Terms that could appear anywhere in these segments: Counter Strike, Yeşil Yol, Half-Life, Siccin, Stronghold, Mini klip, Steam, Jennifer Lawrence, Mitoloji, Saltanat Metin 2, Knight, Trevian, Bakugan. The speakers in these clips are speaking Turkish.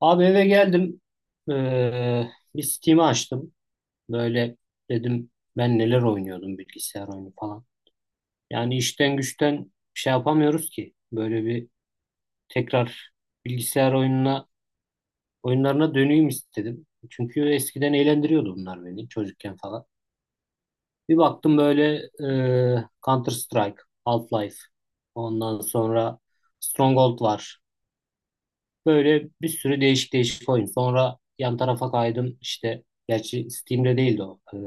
Abi eve geldim. Ee, bir Steam'i açtım. Böyle dedim ben neler oynuyordum bilgisayar oyunu falan. Yani işten güçten şey yapamıyoruz ki. Böyle bir tekrar bilgisayar oyunlarına döneyim istedim. Çünkü eskiden eğlendiriyordu bunlar beni çocukken falan. Bir baktım böyle Counter Strike, Half-Life. Ondan sonra Stronghold var. Böyle bir sürü değişik değişik oyun. Sonra yan tarafa kaydım işte. Gerçi Steam'de değildi o. Ee,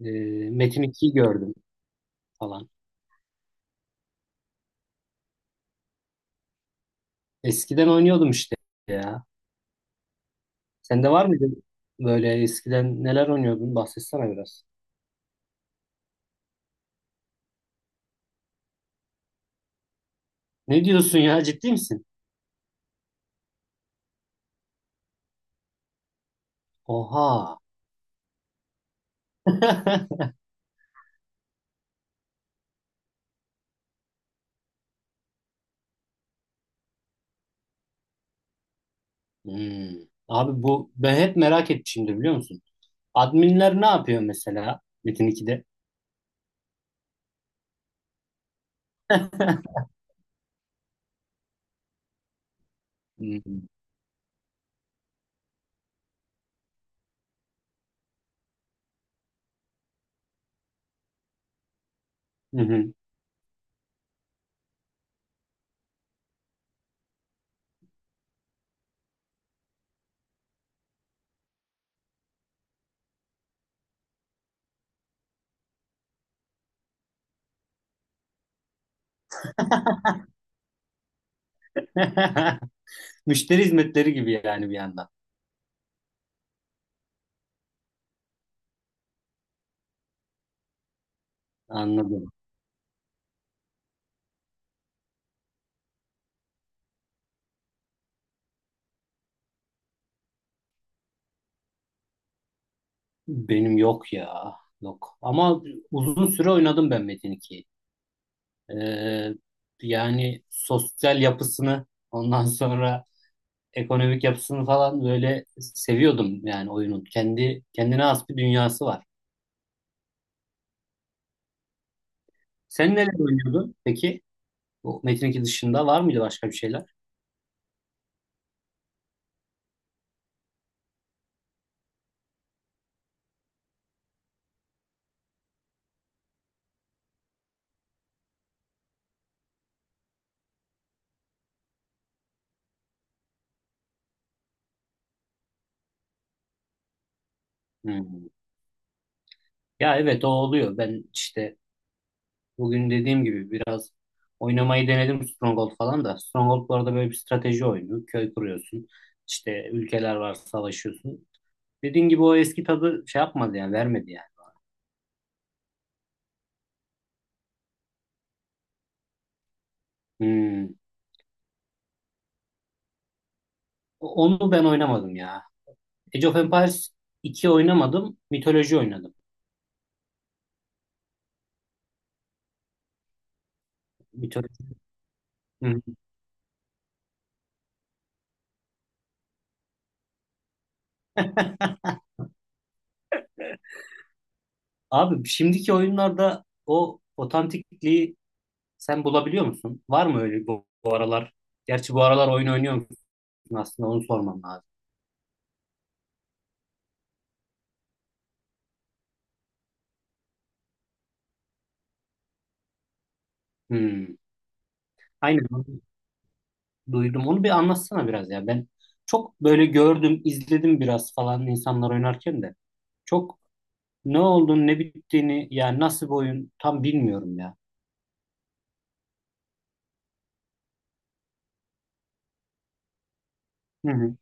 e, Metin 2'yi gördüm falan. Eskiden oynuyordum işte ya. Sende var mıydı böyle eskiden neler oynuyordun? Bahsetsene biraz. Ne diyorsun ya ciddi misin? Oha. Hmm. Abi bu ben hep merak etmişimdir biliyor musun? Adminler ne yapıyor mesela Metin 2'de? Hmm. Hı hı. Müşteri hizmetleri gibi yani bir yandan. Anladım. Benim yok ya. Yok. Ama uzun süre oynadım ben Metin 2'yi. Ee, yani sosyal yapısını ondan sonra ekonomik yapısını falan böyle seviyordum yani oyunun. Kendi kendine has bir dünyası var. Sen neler oynuyordun peki? Bu Metin 2 dışında var mıydı başka bir şeyler? Hmm. Ya evet o oluyor. Ben işte bugün dediğim gibi biraz oynamayı denedim Stronghold falan da. Stronghold bu arada böyle bir strateji oyunu. Köy kuruyorsun. İşte ülkeler var savaşıyorsun. Dediğim gibi o eski tadı şey yapmadı yani vermedi yani. Hmm. Onu ben oynamadım ya. Age of Empires 2 oynamadım. Mitoloji oynadım. Mitoloji. Hı. Abi şimdiki oyunlarda o otantikliği sen bulabiliyor musun? Var mı öyle bu aralar? Gerçi bu aralar oyun oynuyor musun aslında onu sormam lazım. Hmm. Aynen. Duydum. Onu bir anlatsana biraz ya. Ben çok böyle gördüm, izledim biraz falan insanlar oynarken de. Çok ne olduğunu, ne bittiğini, yani nasıl bir oyun tam bilmiyorum ya. Hı hı.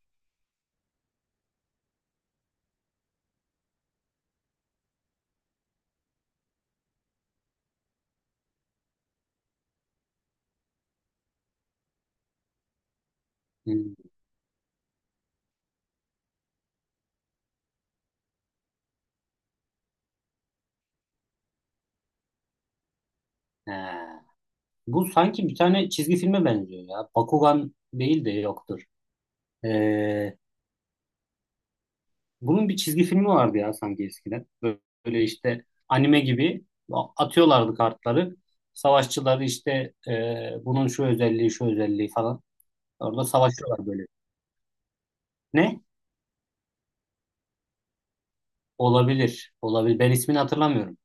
Hmm. He. Bu sanki bir tane çizgi filme benziyor ya. Bakugan değil de yoktur. Ee, bunun bir çizgi filmi vardı ya sanki eskiden. Böyle işte anime gibi atıyorlardı kartları. Savaşçıları işte bunun şu özelliği, şu özelliği falan. Orada savaşıyorlar böyle. Ne? Olabilir. Olabilir. Ben ismini hatırlamıyorum.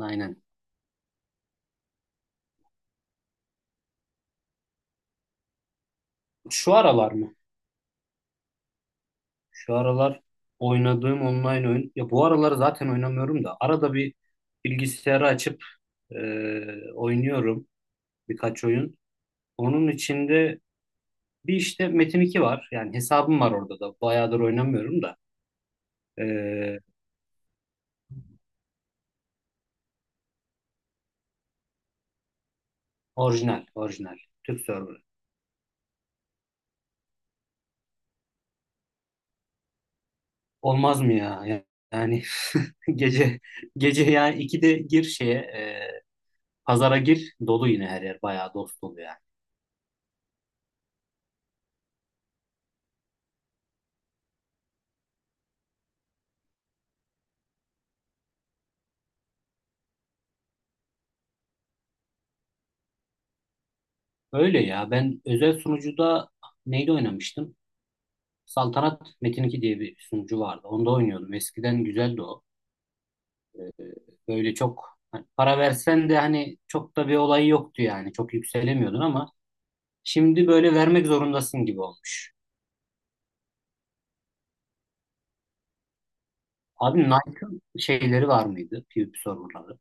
Aynen. Şu aralar mı? Şu aralar oynadığım online oyun. Ya bu aralar zaten oynamıyorum da. Arada bir bilgisayarı açıp e, oynuyorum birkaç oyun. Onun içinde bir işte Metin 2 var. Yani hesabım var orada da. Bayağıdır oynamıyorum da. E, orijinal, orijinal. Türk serverı. Olmaz mı ya? Yani gece gece yani 2'de gir şeye pazara gir. Dolu yine her yer. Bayağı dost dolu yani. Öyle ya. Ben özel sunucuda neyde oynamıştım? Saltanat Metin 2 diye bir sunucu vardı. Onda oynuyordum. Eskiden güzeldi o. Ee, Böyle çok hani para versen de hani çok da bir olayı yoktu yani. Çok yükselemiyordun ama şimdi böyle vermek zorundasın gibi olmuş. Abi Knight'ın şeyleri var mıydı? PvP serverları.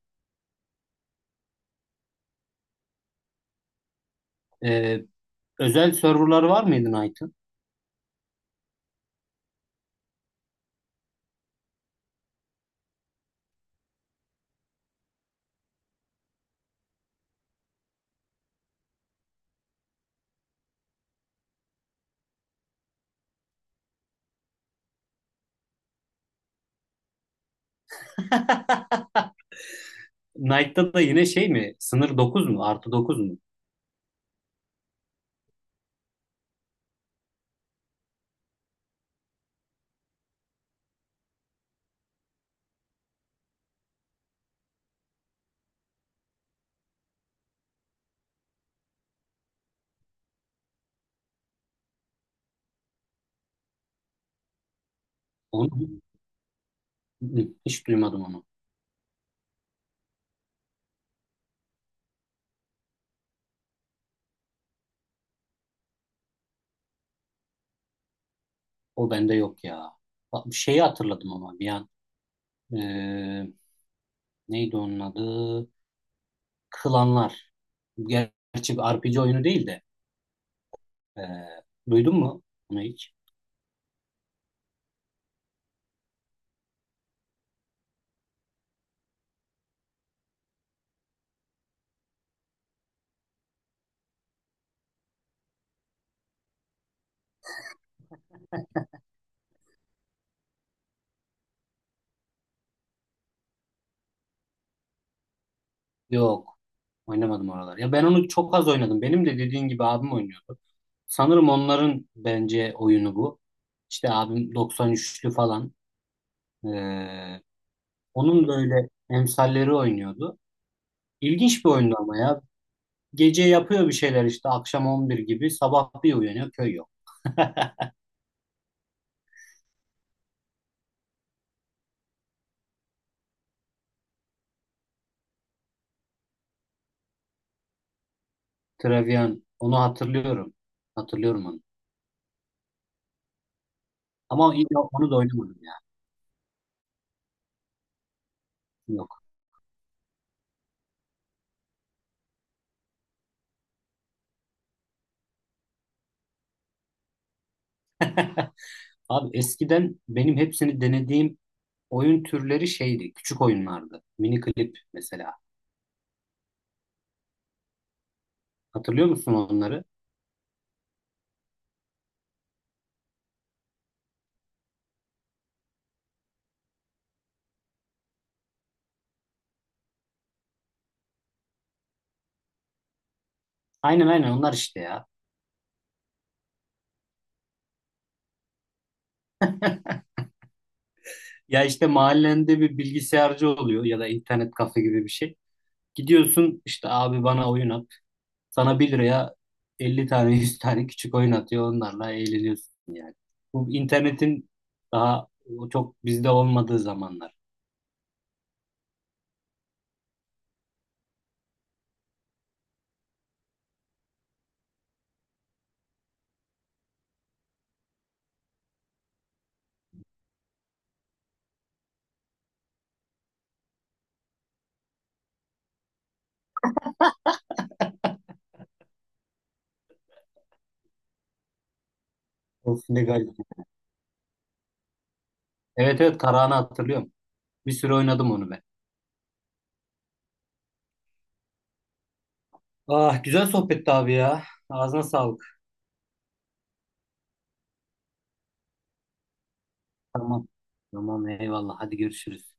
Ee, özel serverları var mıydı Knight'ın? Knight'ta da yine şey mi? Sınır 9 mu? Artı dokuz mu? Onu hiç duymadım onu. O bende yok ya. Bak, bir şeyi hatırladım ama bir an. Ee, neydi onun adı? Klanlar. Gerçi bir RPG oyunu değil de. ee, duydun mu onu hiç? Yok. Oynamadım oralar. Ya ben onu çok az oynadım. Benim de dediğin gibi abim oynuyordu. Sanırım onların bence oyunu bu. İşte abim 93'lü falan. Ee, onun böyle emsalleri oynuyordu. İlginç bir oyundu ama ya. Gece yapıyor bir şeyler işte akşam 11 gibi sabah bir uyanıyor köy Trevian. Onu hatırlıyorum. Hatırlıyorum onu. Ama onu da oynamadım ya. Yok. Abi eskiden benim hepsini denediğim oyun türleri şeydi. Küçük oyunlardı. Mini klip mesela. Hatırlıyor musun onları? Aynen aynen onlar işte ya. Ya işte mahallende bir bilgisayarcı oluyor ya da internet kafe gibi bir şey. Gidiyorsun işte abi bana oyun at. Sana 1 liraya 50 tane 100 tane küçük oyun atıyor. Onlarla eğleniyorsun yani. Bu internetin daha çok bizde olmadığı zamanlar. Of ne garip. Evet evet Karahan'ı hatırlıyorum. Bir süre oynadım onu ben. Ah güzel sohbetti abi ya. Ağzına sağlık. Tamam. Tamam eyvallah. Hadi görüşürüz.